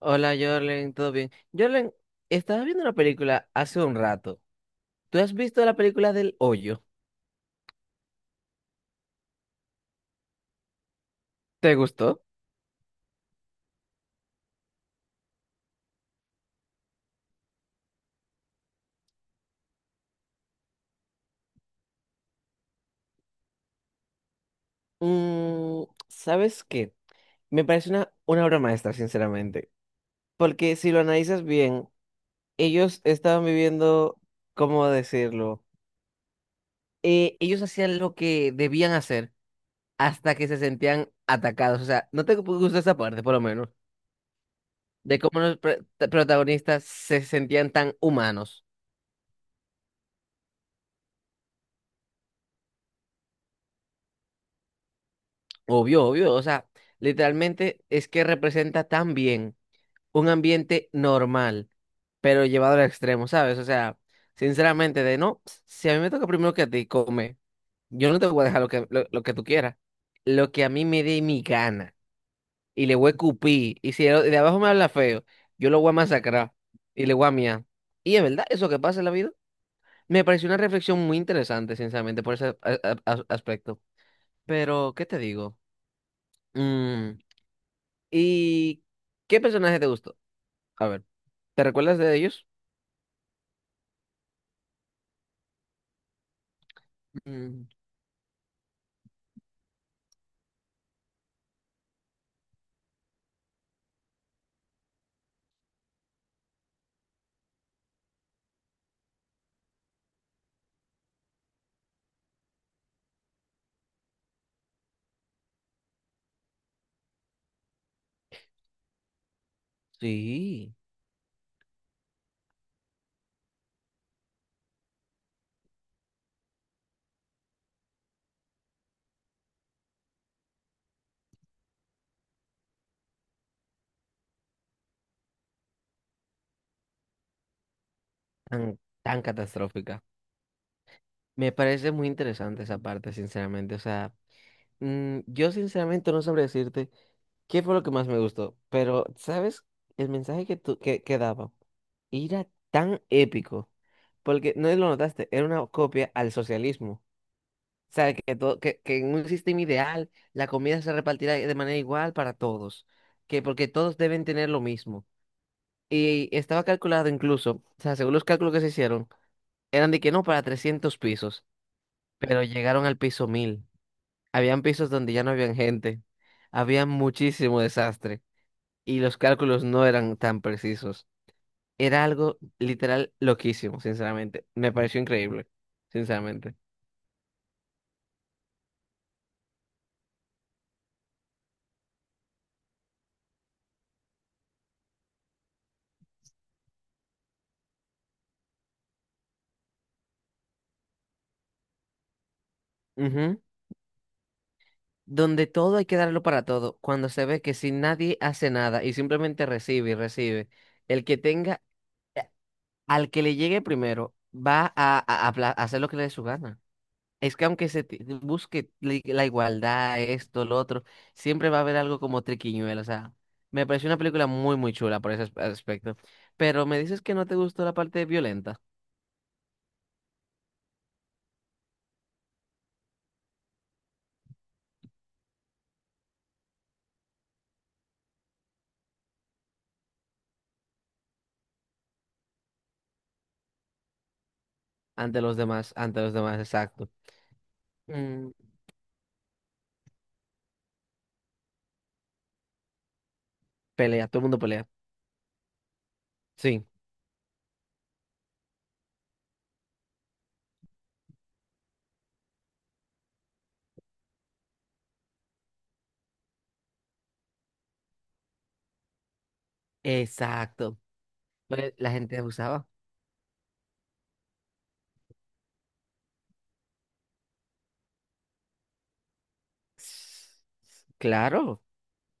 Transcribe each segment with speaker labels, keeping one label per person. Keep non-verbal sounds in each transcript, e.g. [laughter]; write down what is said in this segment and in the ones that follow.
Speaker 1: Hola, Jorlen, ¿todo bien? Jorlen, estaba viendo una película hace un rato. ¿Tú has visto la película del Hoyo? ¿Te gustó? Mm, ¿sabes qué? Me parece una obra maestra, sinceramente. Porque si lo analizas bien, ellos estaban viviendo, ¿cómo decirlo? Ellos hacían lo que debían hacer hasta que se sentían atacados. O sea, no te gusta esa parte, por lo menos, de cómo los protagonistas se sentían tan humanos. Obvio, obvio, o sea, literalmente es que representa tan bien un ambiente normal, pero llevado al extremo, ¿sabes? O sea, sinceramente, de no, si a mí me toca primero que a ti, come, yo no te voy a dejar lo que tú quieras, lo que a mí me dé mi gana, y le voy a cupir, y si el de abajo me habla feo, yo lo voy a masacrar, y le voy a miar. Y es verdad, eso que pasa en la vida, me pareció una reflexión muy interesante, sinceramente, por ese aspecto. Pero, ¿qué te digo? Mm, ¿y qué personaje te gustó? A ver, ¿te recuerdas de ellos? Mm, Sí, tan, tan catastrófica. Me parece muy interesante esa parte, sinceramente. O sea, mm, yo sinceramente no sabré decirte qué fue lo que más me gustó, pero ¿sabes? El mensaje que, tú, que daba era tan épico, porque no lo notaste, era una copia al socialismo. O sea, que, todo, que en un sistema ideal la comida se repartirá de manera igual para todos, que porque todos deben tener lo mismo. Y estaba calculado incluso, o sea, según los cálculos que se hicieron, eran de que no para 300 pisos, pero llegaron al piso 1000. Habían pisos donde ya no habían gente, había muchísimo desastre y los cálculos no eran tan precisos. Era algo literal loquísimo, sinceramente. Me pareció increíble, sinceramente. Ujú. Donde todo hay que darlo para todo, cuando se ve que si nadie hace nada y simplemente recibe y recibe, el que tenga... Al que le llegue primero va a hacer lo que le dé su gana. Es que aunque busque la igualdad, esto, lo otro, siempre va a haber algo como triquiñuelo. O sea, me pareció una película muy, muy chula por ese aspecto. Pero me dices que no te gustó la parte violenta. Ante los demás, ante los demás, exacto. Mm, Pelea, todo el mundo pelea. Sí, exacto. Lo La gente abusaba. S- Claro.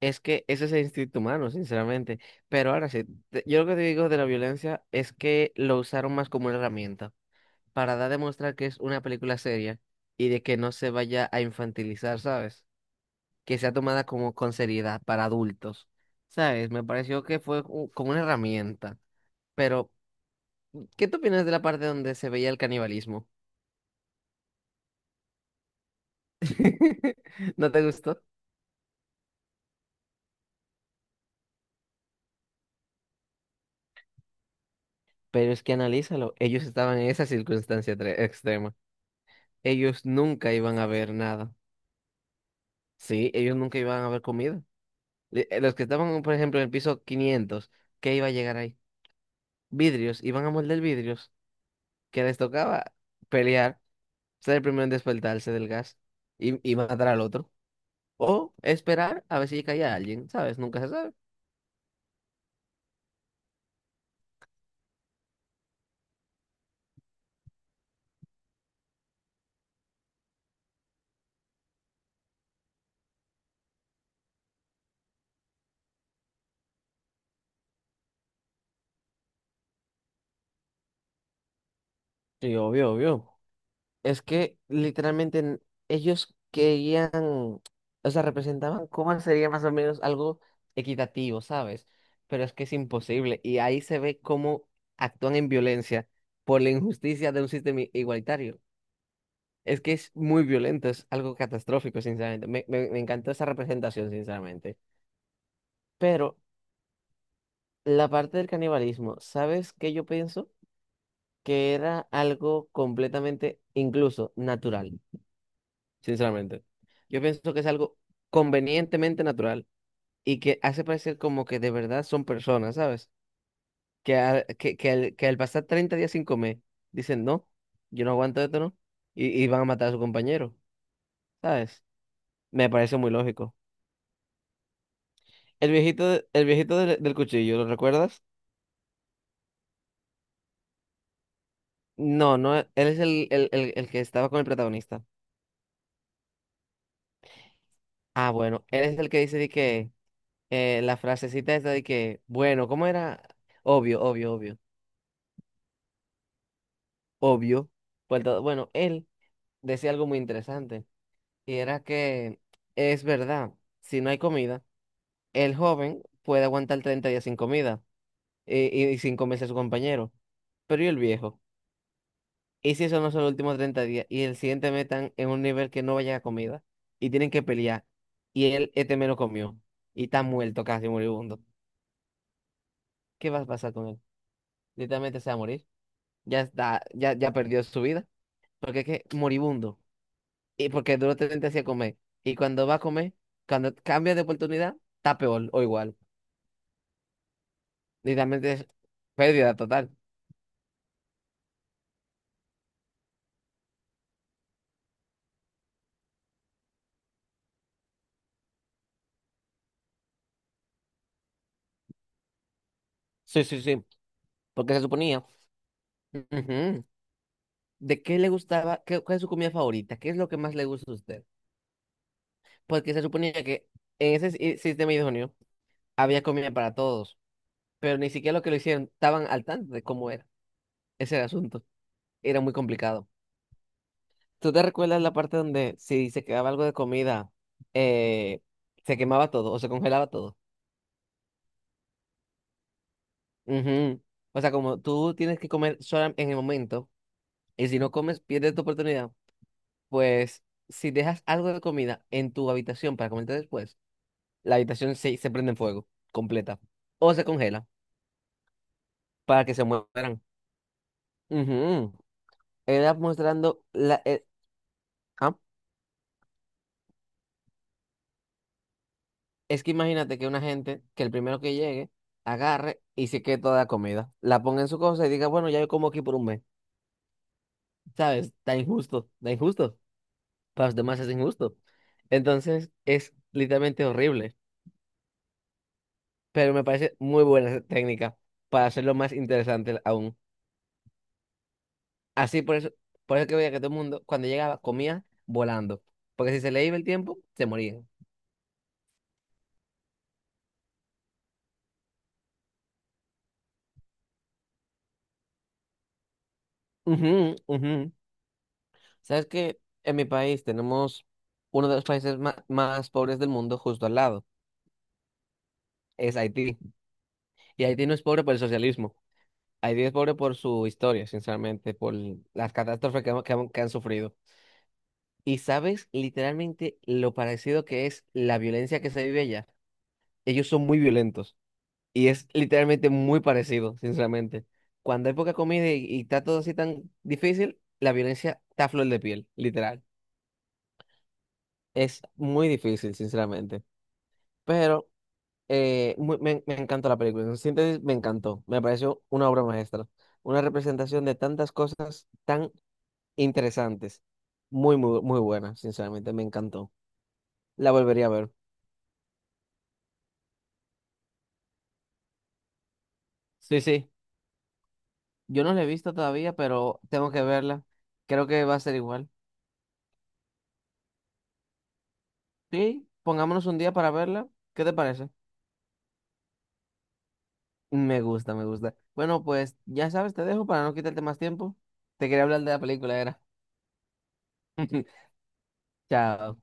Speaker 1: Es que ese es el instinto humano, sinceramente. Pero ahora sí, yo lo que te digo de la violencia es que lo usaron más como una herramienta para dar a demostrar que es una película seria y de que no se vaya a infantilizar, ¿sabes? Que sea tomada como con seriedad para adultos, ¿sabes? Me pareció que fue como una herramienta. Pero, ¿qué te opinas de la parte donde se veía el canibalismo? [laughs] ¿No te gustó? Pero es que analízalo, ellos estaban en esa circunstancia extrema. Ellos nunca iban a ver nada. Sí, ellos nunca iban a haber comido. Los que estaban, por ejemplo, en el piso 500, ¿qué iba a llegar ahí? Vidrios, iban a moldear vidrios, que les tocaba pelear, ser el primero en despertarse del gas y matar al otro. O esperar a ver si caía alguien, ¿sabes? Nunca se sabe. Sí, obvio, obvio. Es que literalmente ellos querían, o sea, representaban cómo sería más o menos algo equitativo, ¿sabes? Pero es que es imposible. Y ahí se ve cómo actúan en violencia por la injusticia de un sistema igualitario. Es que es muy violento, es algo catastrófico, sinceramente. Me encantó esa representación, sinceramente. Pero la parte del canibalismo, ¿sabes qué yo pienso? Que era algo completamente, incluso, natural. Sinceramente. Yo pienso que es algo convenientemente natural y que hace parecer como que de verdad son personas, ¿sabes? Que, a- que, que al pasar 30 días sin comer, dicen, no, yo no aguanto esto, ¿no? Y van a matar a su compañero, ¿sabes? Me parece muy lógico. El viejito, el viejito del cuchillo, ¿lo recuerdas? No, no, él es el que estaba con el protagonista. Ah, bueno, él es el que dice de que la frasecita esta de que, bueno, ¿cómo era? Obvio, obvio, obvio. Obvio. Pues, bueno, él decía algo muy interesante y era que es verdad, si no hay comida, el joven puede aguantar 30 días sin comida y sin comerse a su compañero, pero ¿y el viejo? ¿Y si eso no son los últimos 30 días y el siguiente metan en un nivel que no vaya a comida y tienen que pelear y él este menos comió y está muerto casi moribundo? ¿Qué va a pasar con él? Literalmente se va a morir. Ya está, ya, ya perdió su vida porque es que moribundo. Y porque duro 30 días a comer. Y cuando va a comer, cuando cambia de oportunidad, está peor o igual. Literalmente es pérdida total. Sí, sí, sí. Porque se suponía. Ujú. ¿De qué le gustaba? ¿Cuál es su comida favorita? ¿Qué es lo que más le gusta a usted? Porque se suponía que en ese sistema idóneo había comida para todos. Pero ni siquiera lo que lo hicieron estaban al tanto de cómo era. Ese era el asunto. Era muy complicado. ¿Tú te recuerdas la parte donde si se quedaba algo de comida, eh, se quemaba todo o se congelaba todo? Ujú. O sea, como tú tienes que comer sola en el momento, y si no comes, pierdes tu oportunidad, pues si dejas algo de comida en tu habitación para comerte después, la habitación se, se prende en fuego, completa, o se congela para que se mueran. Ujú. Era mostrando la... ah, es que imagínate que una gente, que el primero que llegue, agarre y se quede toda la comida, la ponga en su cosa y diga, bueno, ya yo como aquí por un mes, ¿sabes? Está injusto, está injusto. Para los demás es injusto. Entonces es literalmente horrible, pero me parece muy buena esa técnica para hacerlo más interesante aún. Así por eso que veía que todo el mundo cuando llegaba comía volando, porque si se le iba el tiempo, se moría. Ujú, ujú. ¿Sabes que en mi país tenemos uno de los países más pobres del mundo justo al lado, es Haití? Y Haití no es pobre por el socialismo, Haití es pobre por su historia, sinceramente, por las catástrofes que, que han sufrido. Y sabes literalmente lo parecido que es la violencia que se vive allá. Ellos son muy violentos y es literalmente muy parecido, sinceramente. Cuando hay poca comida y está todo así tan difícil, la violencia está a flor de piel, literal. Es muy difícil, sinceramente. Pero me encantó la película. En síntesis, me encantó. Me pareció una obra maestra. Una representación de tantas cosas tan interesantes. Muy, muy, muy buena, sinceramente. Me encantó. La volvería a ver. Sí, sí. Yo no la he visto todavía, pero tengo que verla. Creo que va a ser igual. Sí, pongámonos un día para verla. ¿Qué te parece? Me gusta, me gusta. Bueno, pues ya sabes, te dejo para no quitarte más tiempo. Te quería hablar de la película, era. [laughs] Chao.